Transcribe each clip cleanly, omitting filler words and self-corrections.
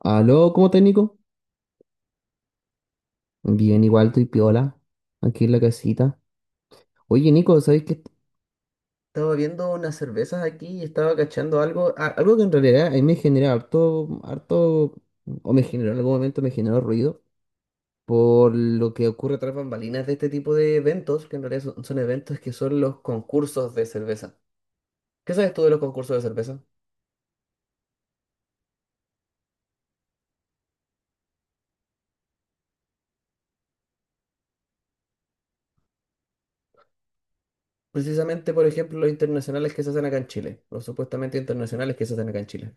Aló, ¿cómo estás, Nico? Bien, igual estoy piola, aquí en la casita. Oye, Nico, ¿sabes qué? Estaba viendo unas cervezas aquí y estaba cachando algo, algo que en realidad a mí me genera harto, harto, o me generó en algún momento, me generó ruido por lo que ocurre tras bambalinas de este tipo de eventos, que en realidad son eventos que son los concursos de cerveza. ¿Qué sabes tú de los concursos de cerveza? Precisamente, por ejemplo, los internacionales que se hacen acá en Chile, los supuestamente internacionales que se hacen acá en Chile.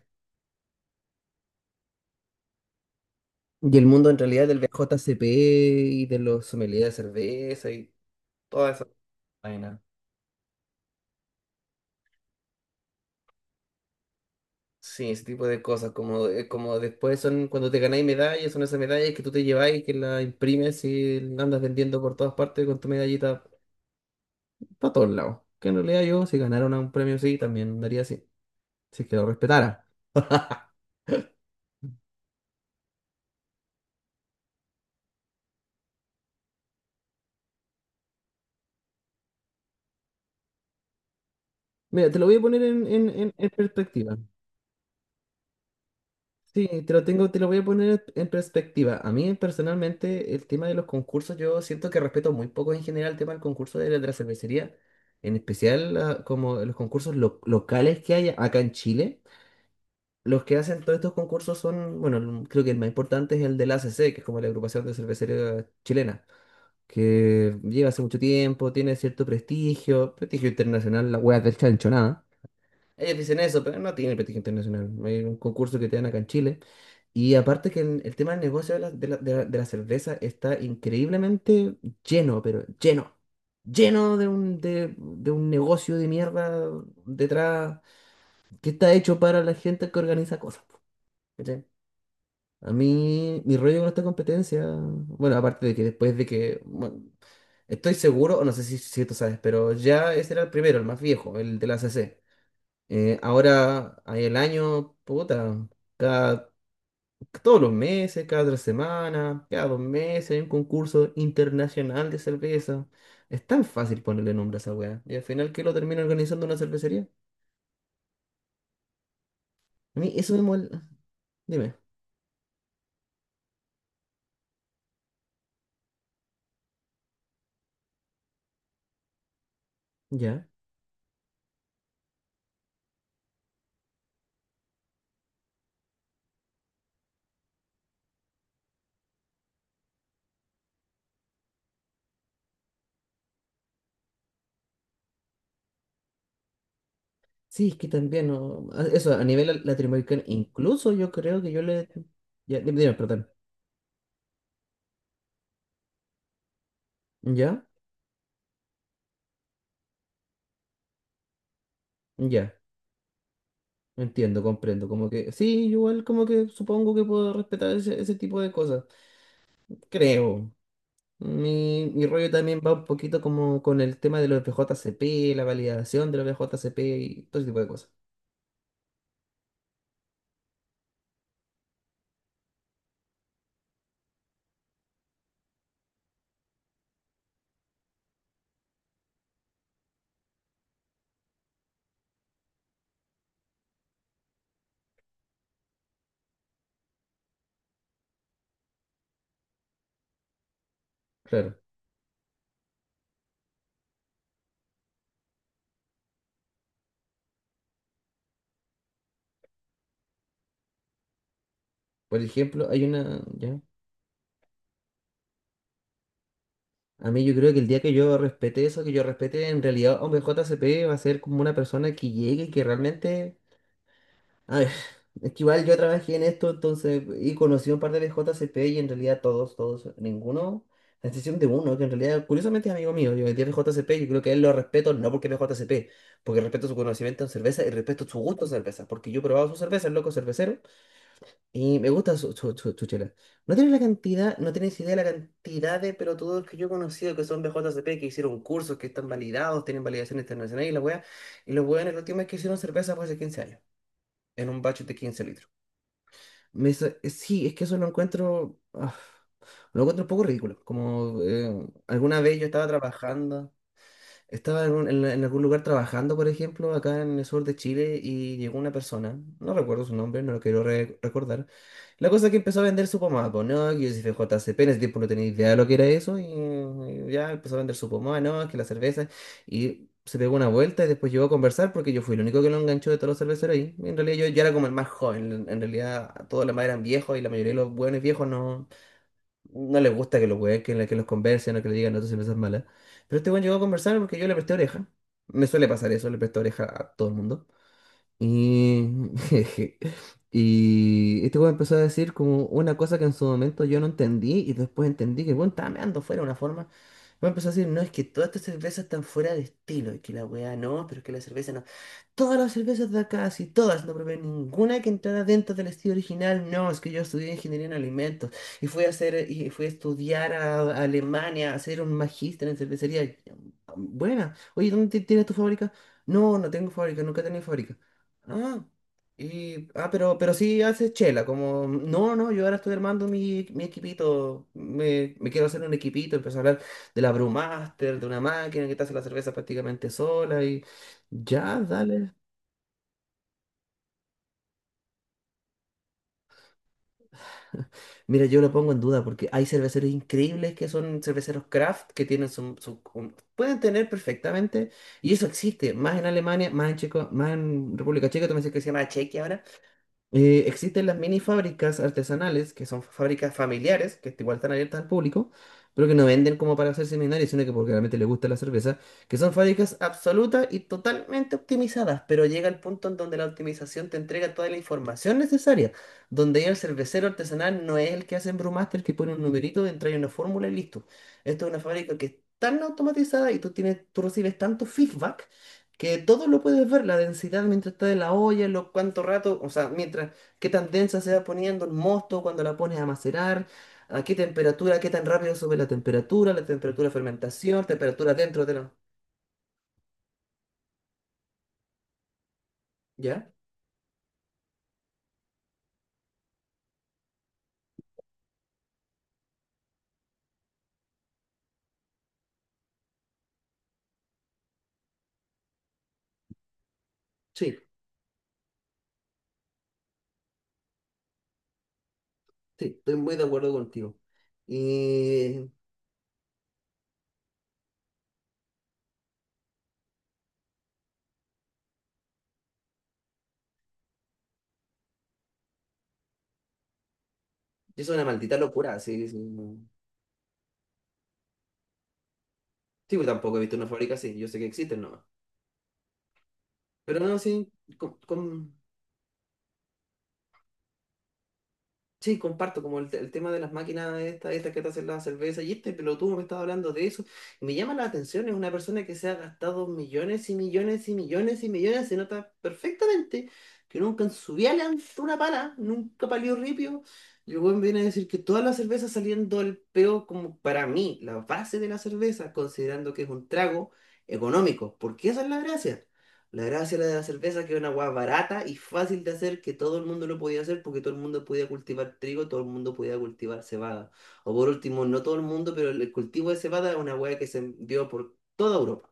Y el mundo en realidad del BJCP y de los sommeliers de cerveza y toda esa vaina. Sí, ese tipo de cosas, como después son cuando te ganáis medallas, son esas medallas que tú te lleváis, que las imprimes y andas vendiendo por todas partes con tu medallita para todos lados. Que en realidad yo, si ganara un premio así, también daría así, si es que lo respetara. Mira, te lo voy a poner en perspectiva. Sí, te lo tengo, te lo voy a poner en perspectiva. A mí personalmente el tema de los concursos, yo siento que respeto muy poco en general el tema del concurso de la cervecería, en especial como los concursos locales que hay acá en Chile. Los que hacen todos estos concursos son, bueno, creo que el más importante es el del ACC, que es como la agrupación de cervecería chilena, que lleva hace mucho tiempo, tiene cierto prestigio, prestigio internacional, la hueá del chancho, nada. Ellos dicen eso, pero no tienen prestigio internacional. Hay un concurso que te dan acá en Chile. Y aparte que el tema del negocio de la cerveza está increíblemente lleno, pero lleno. Lleno de un negocio de mierda detrás que está hecho para la gente que organiza cosas, po, ¿cachai? A mí, mi rollo con esta competencia, bueno, aparte de que después de que, bueno, estoy seguro, o no sé si tú sabes, pero ya ese era el primero, el más viejo, el de la A C. C. Ahora hay el año, puta, cada, todos los meses, cada tres semanas, cada dos meses hay un concurso internacional de cerveza. Es tan fácil ponerle nombre a esa weá. Y al final, ¿qué lo termina organizando una cervecería? A mí eso me molesta. Dime, ¿ya? Sí, es que también, no, eso, a nivel latinoamericano, incluso yo creo que yo le... Ya, dime, dime, perdón. ¿Ya? Ya. Entiendo, comprendo. Como que, sí, igual como que supongo que puedo respetar ese tipo de cosas. Creo. Mi rollo también va un poquito como con el tema de los BJCP, la validación de los BJCP y todo ese tipo de cosas. Claro. Por ejemplo, hay una. Ya. A mí yo creo que el día que yo respete eso, que yo respete en realidad a un BJCP, va a ser como una persona que llegue y que realmente. A ver, es que igual yo trabajé en esto, entonces, y conocí un par de BJCP y en realidad todos, ninguno, a excepción de uno, que en realidad, curiosamente es amigo mío, yo metí a BJCP, yo creo que a él lo respeto, no porque es BJCP, porque respeto su conocimiento en cerveza y respeto su gusto en cerveza, porque yo he probado su cerveza, el loco es cervecero, y me gusta su chela. No tienes la cantidad, no tienes idea de la cantidad de pelotudos que yo he conocido que son BJCP, que hicieron cursos, que están validados, tienen validación internacional y la wea, y los weones la última vez que hicieron cerveza fue hace 15 años, en un batch de 15 litros. Me dice, sí, es que eso lo encuentro un poco ridículo. Como alguna vez yo estaba trabajando. Estaba en, un- en algún lugar trabajando, por ejemplo, acá en el sur de Chile y llegó una persona, no recuerdo su nombre, no lo quiero recordar. La cosa es que empezó a vender su pomada, pues, no, que yo soy FJCP, en ese tiempo no tenía idea de lo que era eso y ya empezó a vender su pomada, no, es que la cerveza y se pegó una vuelta y después llegó a conversar porque yo fui el único que lo enganchó de todos los cerveceros ahí. En realidad yo era como el más joven, en realidad todos los demás eran viejos y la mayoría de los buenos viejos no, no le gusta que los weón, que los conversen o que le digan, no, tú si no seas mala. Pero este weón llegó a conversar porque yo le presté oreja. Me suele pasar eso, le presto oreja a todo el mundo. Y, y este weón empezó a decir como una cosa que en su momento yo no entendí y después entendí que el weón estaba meando fuera de una forma. El weón empezó a decir, no, es que todas estas cervezas están fuera de estilo y que la weá no, pero es que la cerveza no. Todas las cervezas de acá, si todas, no probé ninguna que entrara dentro del estilo original, no, es que yo estudié ingeniería en alimentos y fui a hacer, y fui a estudiar a Alemania, a hacer un magíster en cervecería. Buena. Oye, ¿dónde tienes tu fábrica? No, no tengo fábrica, nunca he tenido fábrica. Ah, y, pero sí haces chela, como, no, no, yo ahora estoy armando mi equipito, me quiero hacer un equipito, empezó a hablar de la Brewmaster, de una máquina que te hace la cerveza prácticamente sola y ya, dale. Mira, yo lo pongo en duda porque hay cerveceros increíbles que son cerveceros craft, que tienen pueden tener perfectamente, y eso existe, más en Alemania, más en Checo, más en República Checa, tú me dices que se llama Chequia ahora. Existen las mini fábricas artesanales, que son fábricas familiares, que igual están abiertas al público, pero que no venden como para hacer seminarios, sino que porque realmente les gusta la cerveza, que son fábricas absolutas y totalmente optimizadas, pero llega el punto en donde la optimización te entrega toda la información necesaria, donde ya el cervecero artesanal no es el que hace en Brewmaster, que pone un numerito, entra en una fórmula y listo. Esto es una fábrica que es tan automatizada y tú tienes, tú recibes tanto feedback que todo lo puedes ver, la densidad mientras está en la olla, lo cuánto rato, o sea, mientras qué tan densa se va poniendo el mosto cuando la pones a macerar, a qué temperatura, qué tan rápido sube la temperatura de fermentación, temperatura dentro de la. ¿Ya? Sí, sí, estoy muy de acuerdo contigo. Y es una maldita locura, sí, sí. No. Sí, pues, tampoco he visto una fábrica así, yo sé que existen nomás. Pero no, sí, con, con- sí, comparto como el tema de las máquinas estas que te hacen la cerveza y este pelotudo me estaba hablando de eso. Y me llama la atención, es una persona que se ha gastado millones y millones y millones y millones, se nota perfectamente que nunca en su vida le han dado una pala, nunca palió ripio. Y el weón viene a decir que todas las cervezas saliendo del peo, como para mí, la base de la cerveza, considerando que es un trago económico, porque esa es la gracia. La gracia de la cerveza que era una hueá barata y fácil de hacer, que todo el mundo lo podía hacer porque todo el mundo podía cultivar trigo, todo el mundo podía cultivar cebada. O por último, no todo el mundo, pero el cultivo de cebada es una hueá que se dio por toda Europa.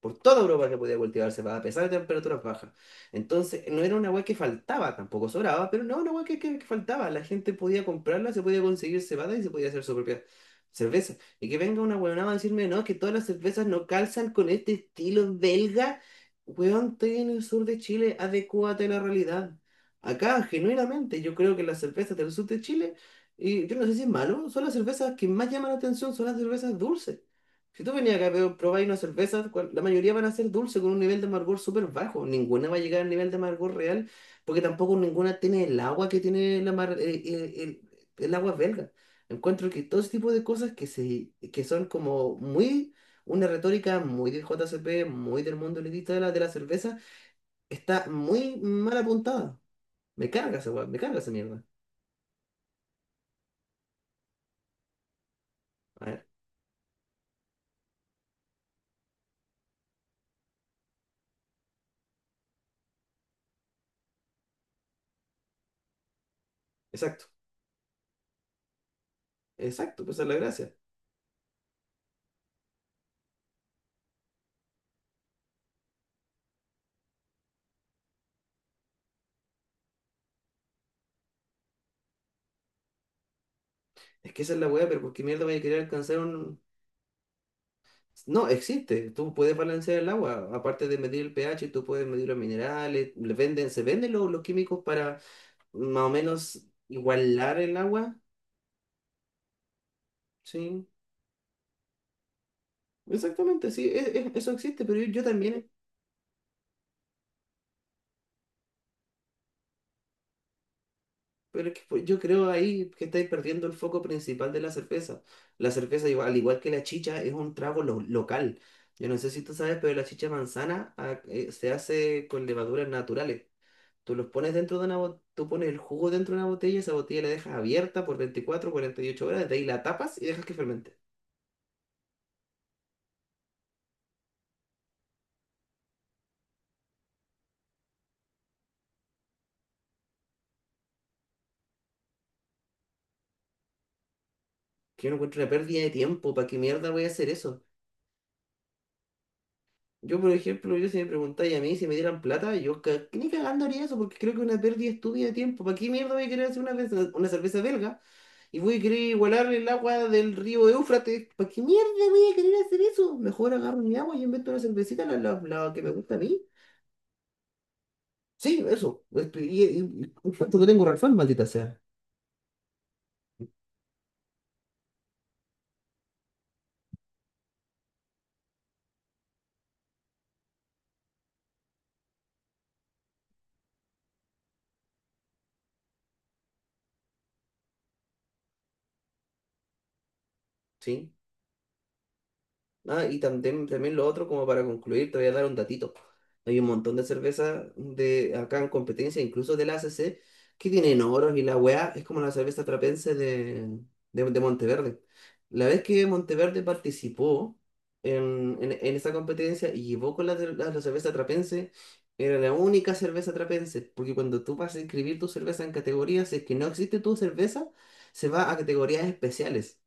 Por toda Europa se podía cultivar cebada, a pesar de temperaturas bajas. Entonces, no era una hueá que faltaba, tampoco sobraba, pero no, una hueá que faltaba. La gente podía comprarla, se podía conseguir cebada y se podía hacer su propia cerveza. Y que venga una huevonada a decirme, no, es que todas las cervezas no calzan con este estilo belga. Weón, estoy en el sur de Chile, adecúate a la realidad. Acá, genuinamente, yo creo que las cervezas del sur de Chile, y yo no sé si es malo, son las cervezas que más llaman la atención, son las cervezas dulces. Si tú venías acá a probar unas cervezas, la mayoría van a ser dulces con un nivel de amargor súper bajo. Ninguna va a llegar al nivel de amargor real, porque tampoco ninguna tiene el agua que tiene la mar- el agua belga. Encuentro que todo ese tipo de cosas que son como muy una retórica muy del JCP, muy del mundo elitista de la cerveza, está muy mal apuntada. Me carga esa weá, me carga esa mierda. A ver, exacto, exacto, pues esa es la gracia. Es que esa es la weá, pero ¿por qué mierda vaya a querer alcanzar un... No, existe, tú puedes balancear el agua, aparte de medir el pH, tú puedes medir los minerales, le venden, se venden los químicos para más o menos igualar el agua, sí. Exactamente, sí, eso existe, pero yo también. Pero es que pues, yo creo ahí que estáis perdiendo el foco principal de la cerveza. La cerveza, al igual que la chicha, es un trago local. Yo no sé si tú sabes, pero la chicha manzana se hace con levaduras naturales. Tú pones el jugo dentro de una botella, esa botella la dejas abierta por 24, 48 horas, de ahí la tapas y dejas que fermente. Que yo no encuentro una pérdida de tiempo, ¿para qué mierda voy a hacer eso? Yo, por ejemplo, yo si me preguntáis a mí si me dieran plata, ni cagando haría eso porque creo que es una pérdida estúpida de tiempo. ¿Para qué mierda voy a querer hacer una cerveza belga y voy a querer igualar el agua del río Éufrates? ¿Para qué mierda voy a querer hacer eso? Mejor agarro mi agua y invento una cervecita, la que me gusta a mí. Sí, eso. Y, y tanto que tengo razón, maldita sea. Sí. Ah, y también, también lo otro, como para concluir, te voy a dar un datito. Hay un montón de cervezas de acá en competencia, incluso de la ACC, que tienen oros y la weá es como la cerveza trapense de Monteverde. La vez que Monteverde participó en esa competencia y llevó con la cerveza trapense, era la única cerveza trapense, porque cuando tú vas a inscribir tu cerveza en categorías, si es que no existe tu cerveza, se va a categorías especiales.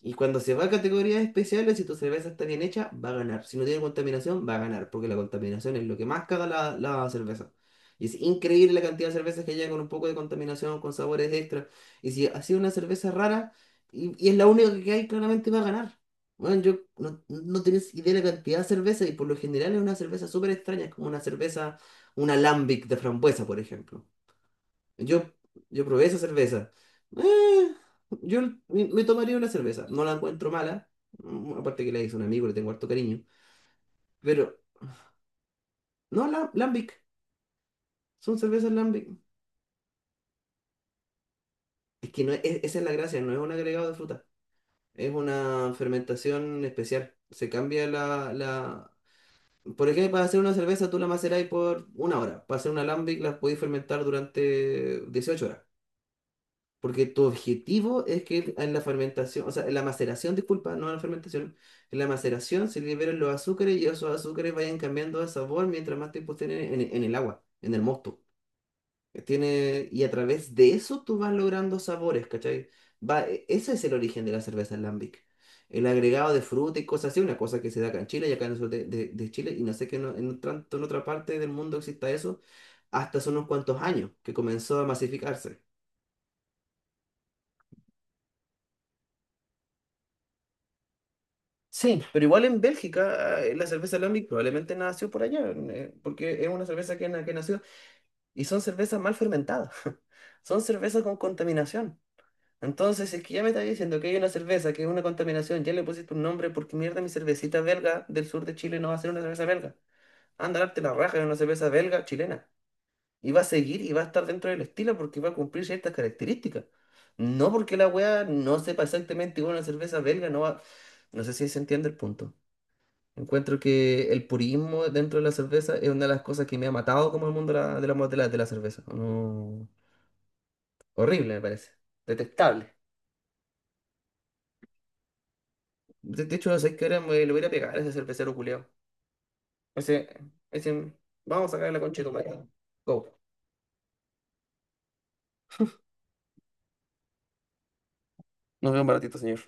Y cuando se va a categorías especiales, si tu cerveza está bien hecha, va a ganar. Si no tiene contaminación, va a ganar, porque la contaminación es lo que más caga la cerveza. Y es increíble la cantidad de cervezas que llegan con un poco de contaminación, con sabores extra. Y si ha sido una cerveza rara, y es la única que hay, claramente va a ganar. Bueno, yo no, no tenés idea de la cantidad de cerveza, y por lo general es una cerveza súper extraña, es como una cerveza, una alambic de frambuesa, por ejemplo. Yo, yo probé esa cerveza. Eh, yo Me tomaría una cerveza. No la encuentro mala. Mm, aparte que la hice un amigo, le tengo harto cariño. Pero, no, la, Lambic. Son cervezas Lambic. Es que no es, es- esa es la gracia, no es un agregado de fruta. Es una fermentación especial. Se cambia la... Por ejemplo, para hacer una cerveza tú la macerás por una hora. Para hacer una Lambic la podéis fermentar durante 18 horas. Porque tu objetivo es que en la fermentación, o sea, en la maceración, disculpa, no en la fermentación, en la maceración se liberen los azúcares y esos azúcares vayan cambiando de sabor mientras más tiempo estén el agua, en el mosto. Tiene, y a través de eso tú vas logrando sabores, ¿cachai? Va, ese es el origen de la cerveza en Lambic. El agregado de fruta y cosas así, una cosa que se da acá en Chile y acá en el sur de Chile, y no sé que en, tanto en otra parte del mundo exista eso, hasta hace unos cuantos años que comenzó a masificarse. Sí, pero igual en Bélgica la cerveza Lambic probablemente nació por allá, porque es una cerveza que nació y son cervezas mal fermentadas, son cervezas con contaminación. Entonces, si es que ya me está diciendo que hay una cerveza que es una contaminación, ya le pusiste un nombre porque mierda mi cervecita belga del sur de Chile no va a ser una cerveza belga. Anda, darte la raja de una cerveza belga chilena. Y va a seguir y va a estar dentro del estilo porque va a cumplir ciertas características. No porque la wea no sepa exactamente igual a una cerveza belga, no va... No sé si se entiende el punto. Encuentro que el purismo dentro de la cerveza es una de las cosas que me ha matado como el mundo de la cerveza. No, horrible, me parece. Detestable. De hecho, no sé qué hora me lo voy a ir a pegar a ese cervecero culiao. Ese, ese, vamos a sacar la concha de tu madre. Go. Nos vemos un ratito, señor.